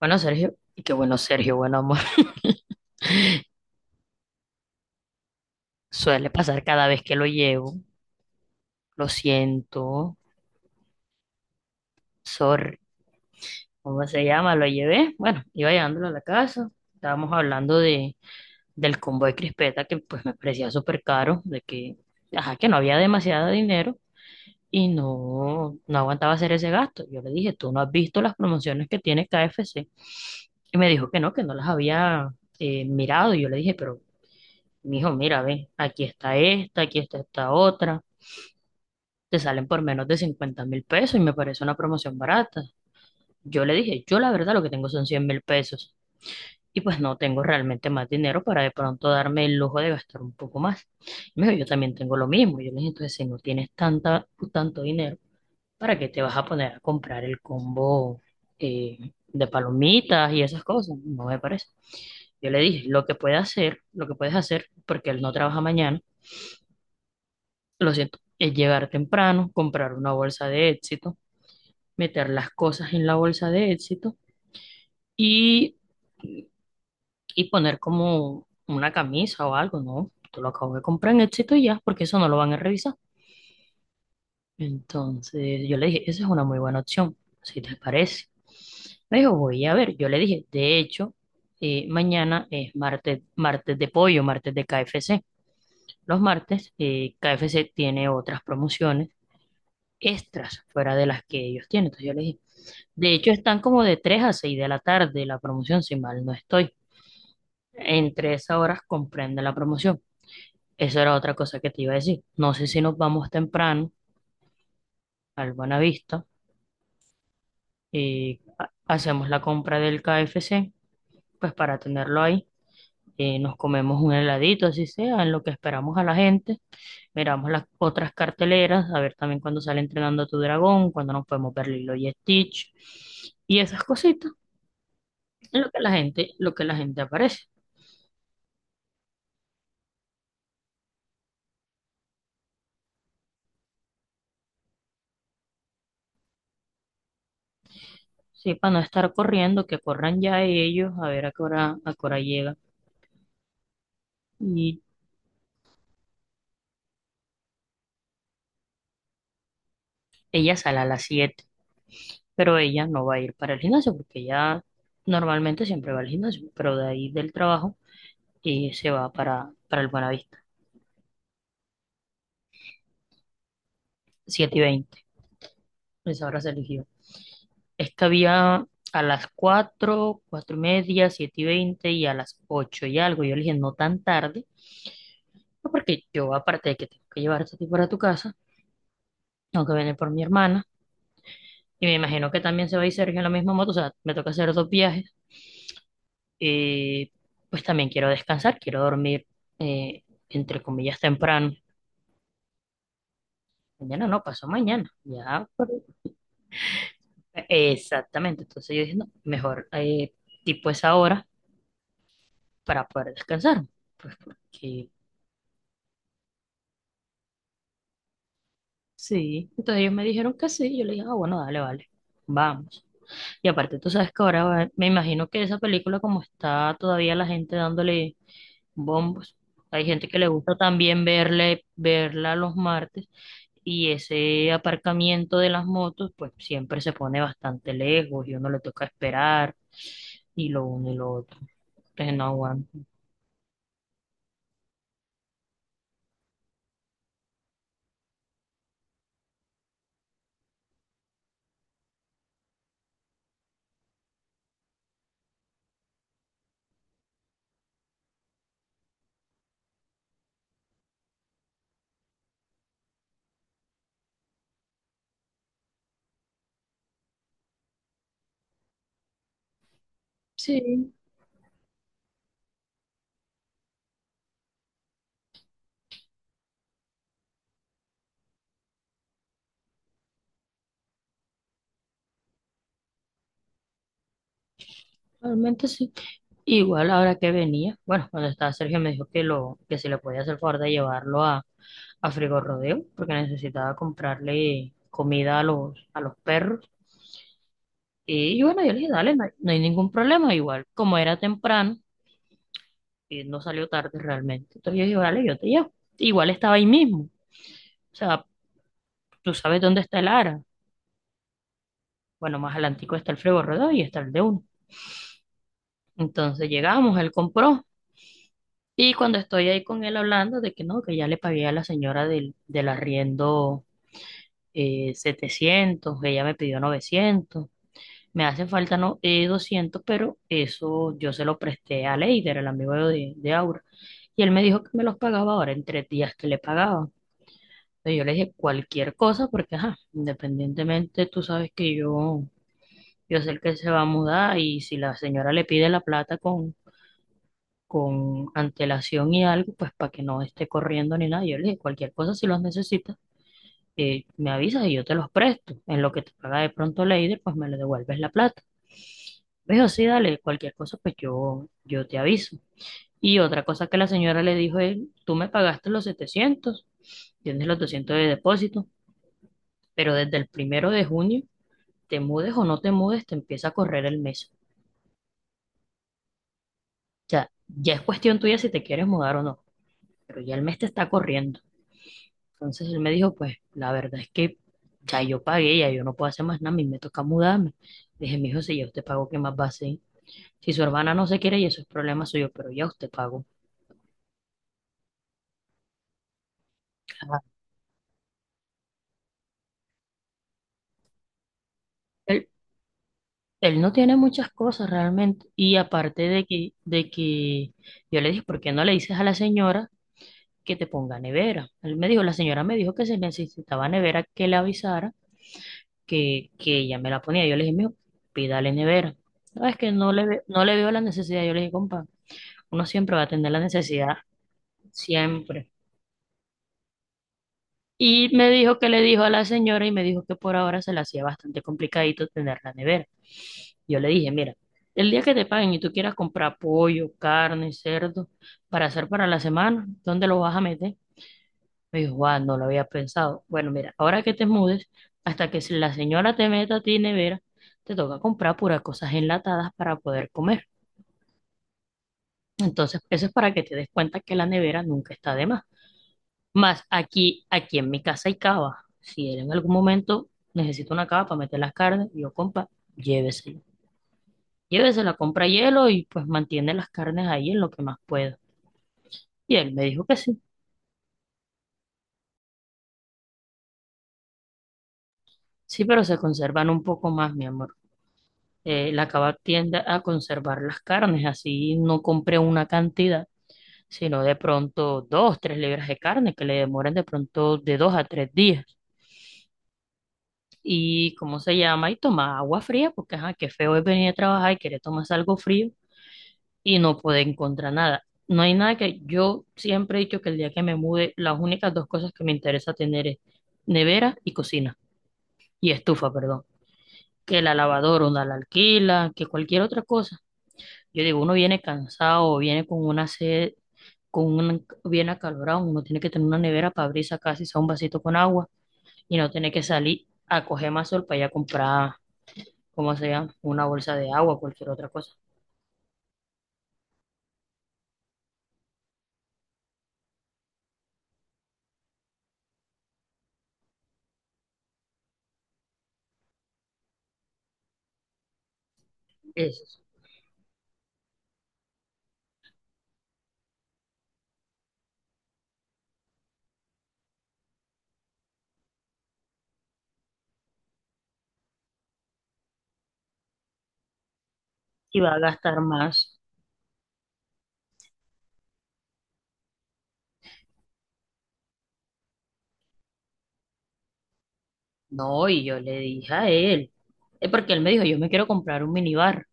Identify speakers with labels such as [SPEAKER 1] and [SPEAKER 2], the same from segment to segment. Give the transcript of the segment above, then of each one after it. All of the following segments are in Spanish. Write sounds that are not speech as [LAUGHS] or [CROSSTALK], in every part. [SPEAKER 1] Bueno, Sergio, y qué bueno, Sergio, bueno, amor. [LAUGHS] Suele pasar cada vez que lo llevo. Lo siento, sorry. ¿Cómo se llama? Lo llevé. Bueno, iba llevándolo a la casa. Estábamos hablando del combo de crispeta que pues me parecía súper caro, de que, ajá, que no había demasiado dinero y no, no aguantaba hacer ese gasto. Yo le dije, ¿tú no has visto las promociones que tiene KFC? Y me dijo que no las había mirado. Y yo le dije, pero mijo, mira, ve, aquí está esta otra. Te salen por menos de 50.000 pesos y me parece una promoción barata. Yo le dije, yo la verdad lo que tengo son 100.000 pesos. Y pues no tengo realmente más dinero para de pronto darme el lujo de gastar un poco más. Y me dijo, yo también tengo lo mismo. Yo le dije, entonces si no tienes tanto dinero, ¿para qué te vas a poner a comprar el combo eh, de palomitas y esas cosas? No me parece. Yo le dije, lo que puedes hacer, porque él no trabaja mañana, lo siento, es llegar temprano, comprar una bolsa de éxito, meter las cosas en la bolsa de éxito y, y poner como una camisa o algo, ¿no? Tú lo acabo de comprar en éxito y ya, porque eso no lo van a revisar. Entonces yo le dije, esa es una muy buena opción, si te parece. Me dijo, voy a ver. Yo le dije, de hecho, mañana es martes, martes de pollo, martes de KFC. Los martes, KFC tiene otras promociones extras fuera de las que ellos tienen. Entonces yo les dije, de hecho están como de 3 a 6 de la tarde la promoción, si mal no estoy. Entre esas horas comprende la promoción. Eso era otra cosa que te iba a decir. No sé si nos vamos temprano al Buenavista y hacemos la compra del KFC, pues para tenerlo ahí. Nos comemos un heladito, así sea, en lo que esperamos a la gente. Miramos las otras carteleras, a ver también cuando sale Entrenando a tu Dragón, cuando nos podemos ver Lilo y Stitch y esas cositas. Lo que la gente, lo que la gente aparece. Sí, para no estar corriendo, que corran ya ellos a ver a qué hora llega. Y ella sale a las siete, pero ella no va a ir para el gimnasio porque ella normalmente siempre va al gimnasio, pero de ahí del trabajo y se va para, el Buenavista. 7:20, esa hora se eligió. Es que había a las cuatro, 4:30, 7:20 y a las 8 y algo. Yo le dije, no tan tarde, no, porque yo aparte de que tengo que llevarte a ti para tu casa, aunque viene por mi hermana. Y me imagino que también se va a ir Sergio en la misma moto. O sea, me toca hacer dos viajes. Y pues también quiero descansar, quiero dormir, eh, entre comillas, temprano. Mañana no, pasó mañana. Ya, pues, exactamente. Entonces yo dije, no, mejor tipo esa hora para poder descansar. Pues porque sí. Entonces ellos me dijeron que sí. Yo le dije, ah, bueno, dale, vale. Vamos. Y aparte, tú sabes que ahora me imagino que esa película, como está todavía la gente dándole bombos. Hay gente que le gusta también verle, verla los martes y ese aparcamiento de las motos pues siempre se pone bastante lejos y uno le toca esperar y lo uno y lo otro. Entonces no aguanta. Sí, realmente sí. Igual ahora que venía, bueno, cuando estaba Sergio me dijo que lo, que si le podía hacer favor de llevarlo a, Frigorodeo, porque necesitaba comprarle comida a los perros. Y, bueno, yo le dije, dale, no hay ningún problema. Igual, como era temprano, no salió tarde realmente. Entonces yo dije, vale, yo te llevo. Igual estaba ahí mismo. O sea, tú sabes dónde está el Ara. Bueno, más adelantico está el Frego Rodó y está el de uno. Entonces llegamos, él compró. Y cuando estoy ahí con él hablando de que no, que ya le pagué a la señora del arriendo, 700, ella me pidió 900. Me hace falta no, 200, pero eso yo se lo presté a Leider, el amigo de, Aura. Y él me dijo que me los pagaba ahora en tres días, que le pagaba. Entonces, yo le dije cualquier cosa porque, ajá, independientemente, tú sabes que yo, sé que él se va a mudar y si la señora le pide la plata con antelación y algo, pues para que no esté corriendo ni nada, yo le dije cualquier cosa si los necesitas, me avisas y yo te los presto. En lo que te paga de pronto Leider, pues me le devuelves la plata. Me dijo, sí, dale, cualquier cosa, pues yo te aviso. Y otra cosa que la señora le dijo es, tú me pagaste los 700, tienes los 200 de depósito. Pero desde el primero de junio, te mudes o no te mudes, te empieza a correr el mes. O sea, ya es cuestión tuya si te quieres mudar o no, pero ya el mes te está corriendo. Entonces él me dijo, pues la verdad es que ya yo pagué, ya yo no puedo hacer más nada, a mí me toca mudarme. Le dije, mijo, si ya usted pagó, ¿qué más va a hacer? Si su hermana no se quiere y eso es problema suyo, pero ya usted pagó. Ajá. Él, él, no tiene muchas cosas realmente. Y aparte de que yo le dije, ¿por qué no le dices a la señora que te ponga nevera? Él me dijo, la señora me dijo que se necesitaba nevera, que le avisara que ella me la ponía. Yo le dije, mijo, pídale nevera. No, es que no le veo la necesidad. Yo le dije, compa, uno siempre va a tener la necesidad, siempre. Y me dijo que le dijo a la señora y me dijo que por ahora se le hacía bastante complicadito tener la nevera. Yo le dije, mira, el día que te paguen y tú quieras comprar pollo, carne, cerdo para hacer para la semana, ¿dónde lo vas a meter? Me dijo, guau, no lo había pensado. Bueno, mira, ahora que te mudes, hasta que si la señora te meta a ti nevera, te toca comprar puras cosas enlatadas para poder comer. Entonces, eso es para que te des cuenta que la nevera nunca está de más. Más aquí, aquí en mi casa hay cava. Si él en algún momento necesita una cava para meter las carnes, yo compra, llévesela. Llévesela, compra hielo y pues mantiene las carnes ahí en lo que más pueda. Y él me dijo que sí. Sí, pero se conservan un poco más, mi amor. La Kebab tiende a conservar las carnes, así no compré una cantidad, sino de pronto dos, tres libras de carne que le demoran de pronto de dos a tres días. Y cómo se llama, y toma agua fría, porque ajá, qué feo es venir a trabajar y querer tomarse algo frío y no poder encontrar nada. No hay nada que yo siempre he dicho que el día que me mude, las únicas dos cosas que me interesa tener es nevera y cocina, y estufa, perdón, que la lavadora una la alquila, que cualquier otra cosa. Yo digo, uno viene cansado, viene con una sed, con un bien acalorado, uno tiene que tener una nevera para abrir y sacar si sea un vasito con agua y no tener que salir a coger más sol para ir a comprar, ¿cómo se llama? Una bolsa de agua, cualquier otra cosa. Eso, sí. Y va a gastar más. No, y yo le dije a él, es porque él me dijo, yo me quiero comprar un minibar.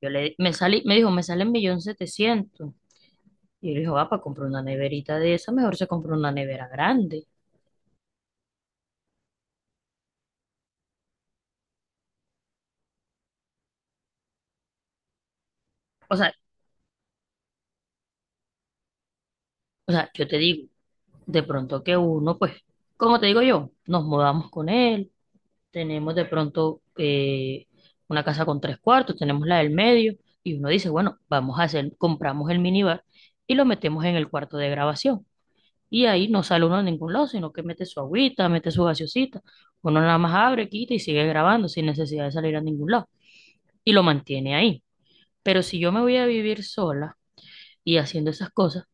[SPEAKER 1] Yo le, me salí, me dijo, me sale 1.700.000. Y yo le dije, va, para comprar una neverita de esa, mejor se compra una nevera grande. O sea, o sea, yo te digo, de pronto que uno, pues, como te digo yo, nos mudamos con él, tenemos de pronto una casa con tres cuartos, tenemos la del medio, y uno dice, bueno, vamos a hacer, compramos el minibar y lo metemos en el cuarto de grabación. Y ahí no sale uno a ningún lado, sino que mete su agüita, mete su gaseosita. Uno nada más abre, quita y sigue grabando sin necesidad de salir a ningún lado. Y lo mantiene ahí. Pero si yo me voy a vivir sola y haciendo esas cosas,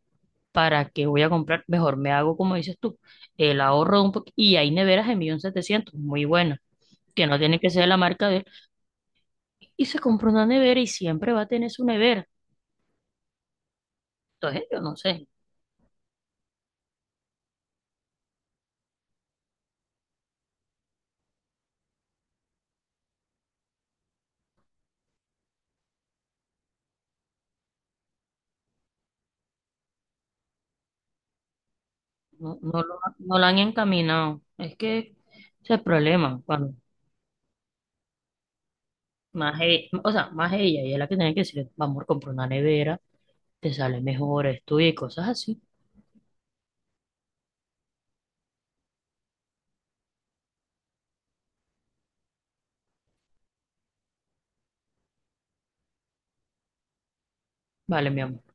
[SPEAKER 1] ¿para qué voy a comprar? Mejor me hago, como dices tú, el ahorro de un poquito. Y hay neveras de 1.700.000 muy buenas, que no tiene que ser la marca de él. Y se compra una nevera y siempre va a tener su nevera. Entonces, yo no sé, no, no, no la han encaminado. Es que ese es el problema. Cuando o sea, más ella, es la que tiene que decir, vamos, comprar una nevera, te sale mejor, estudia y cosas así. Vale, mi amor.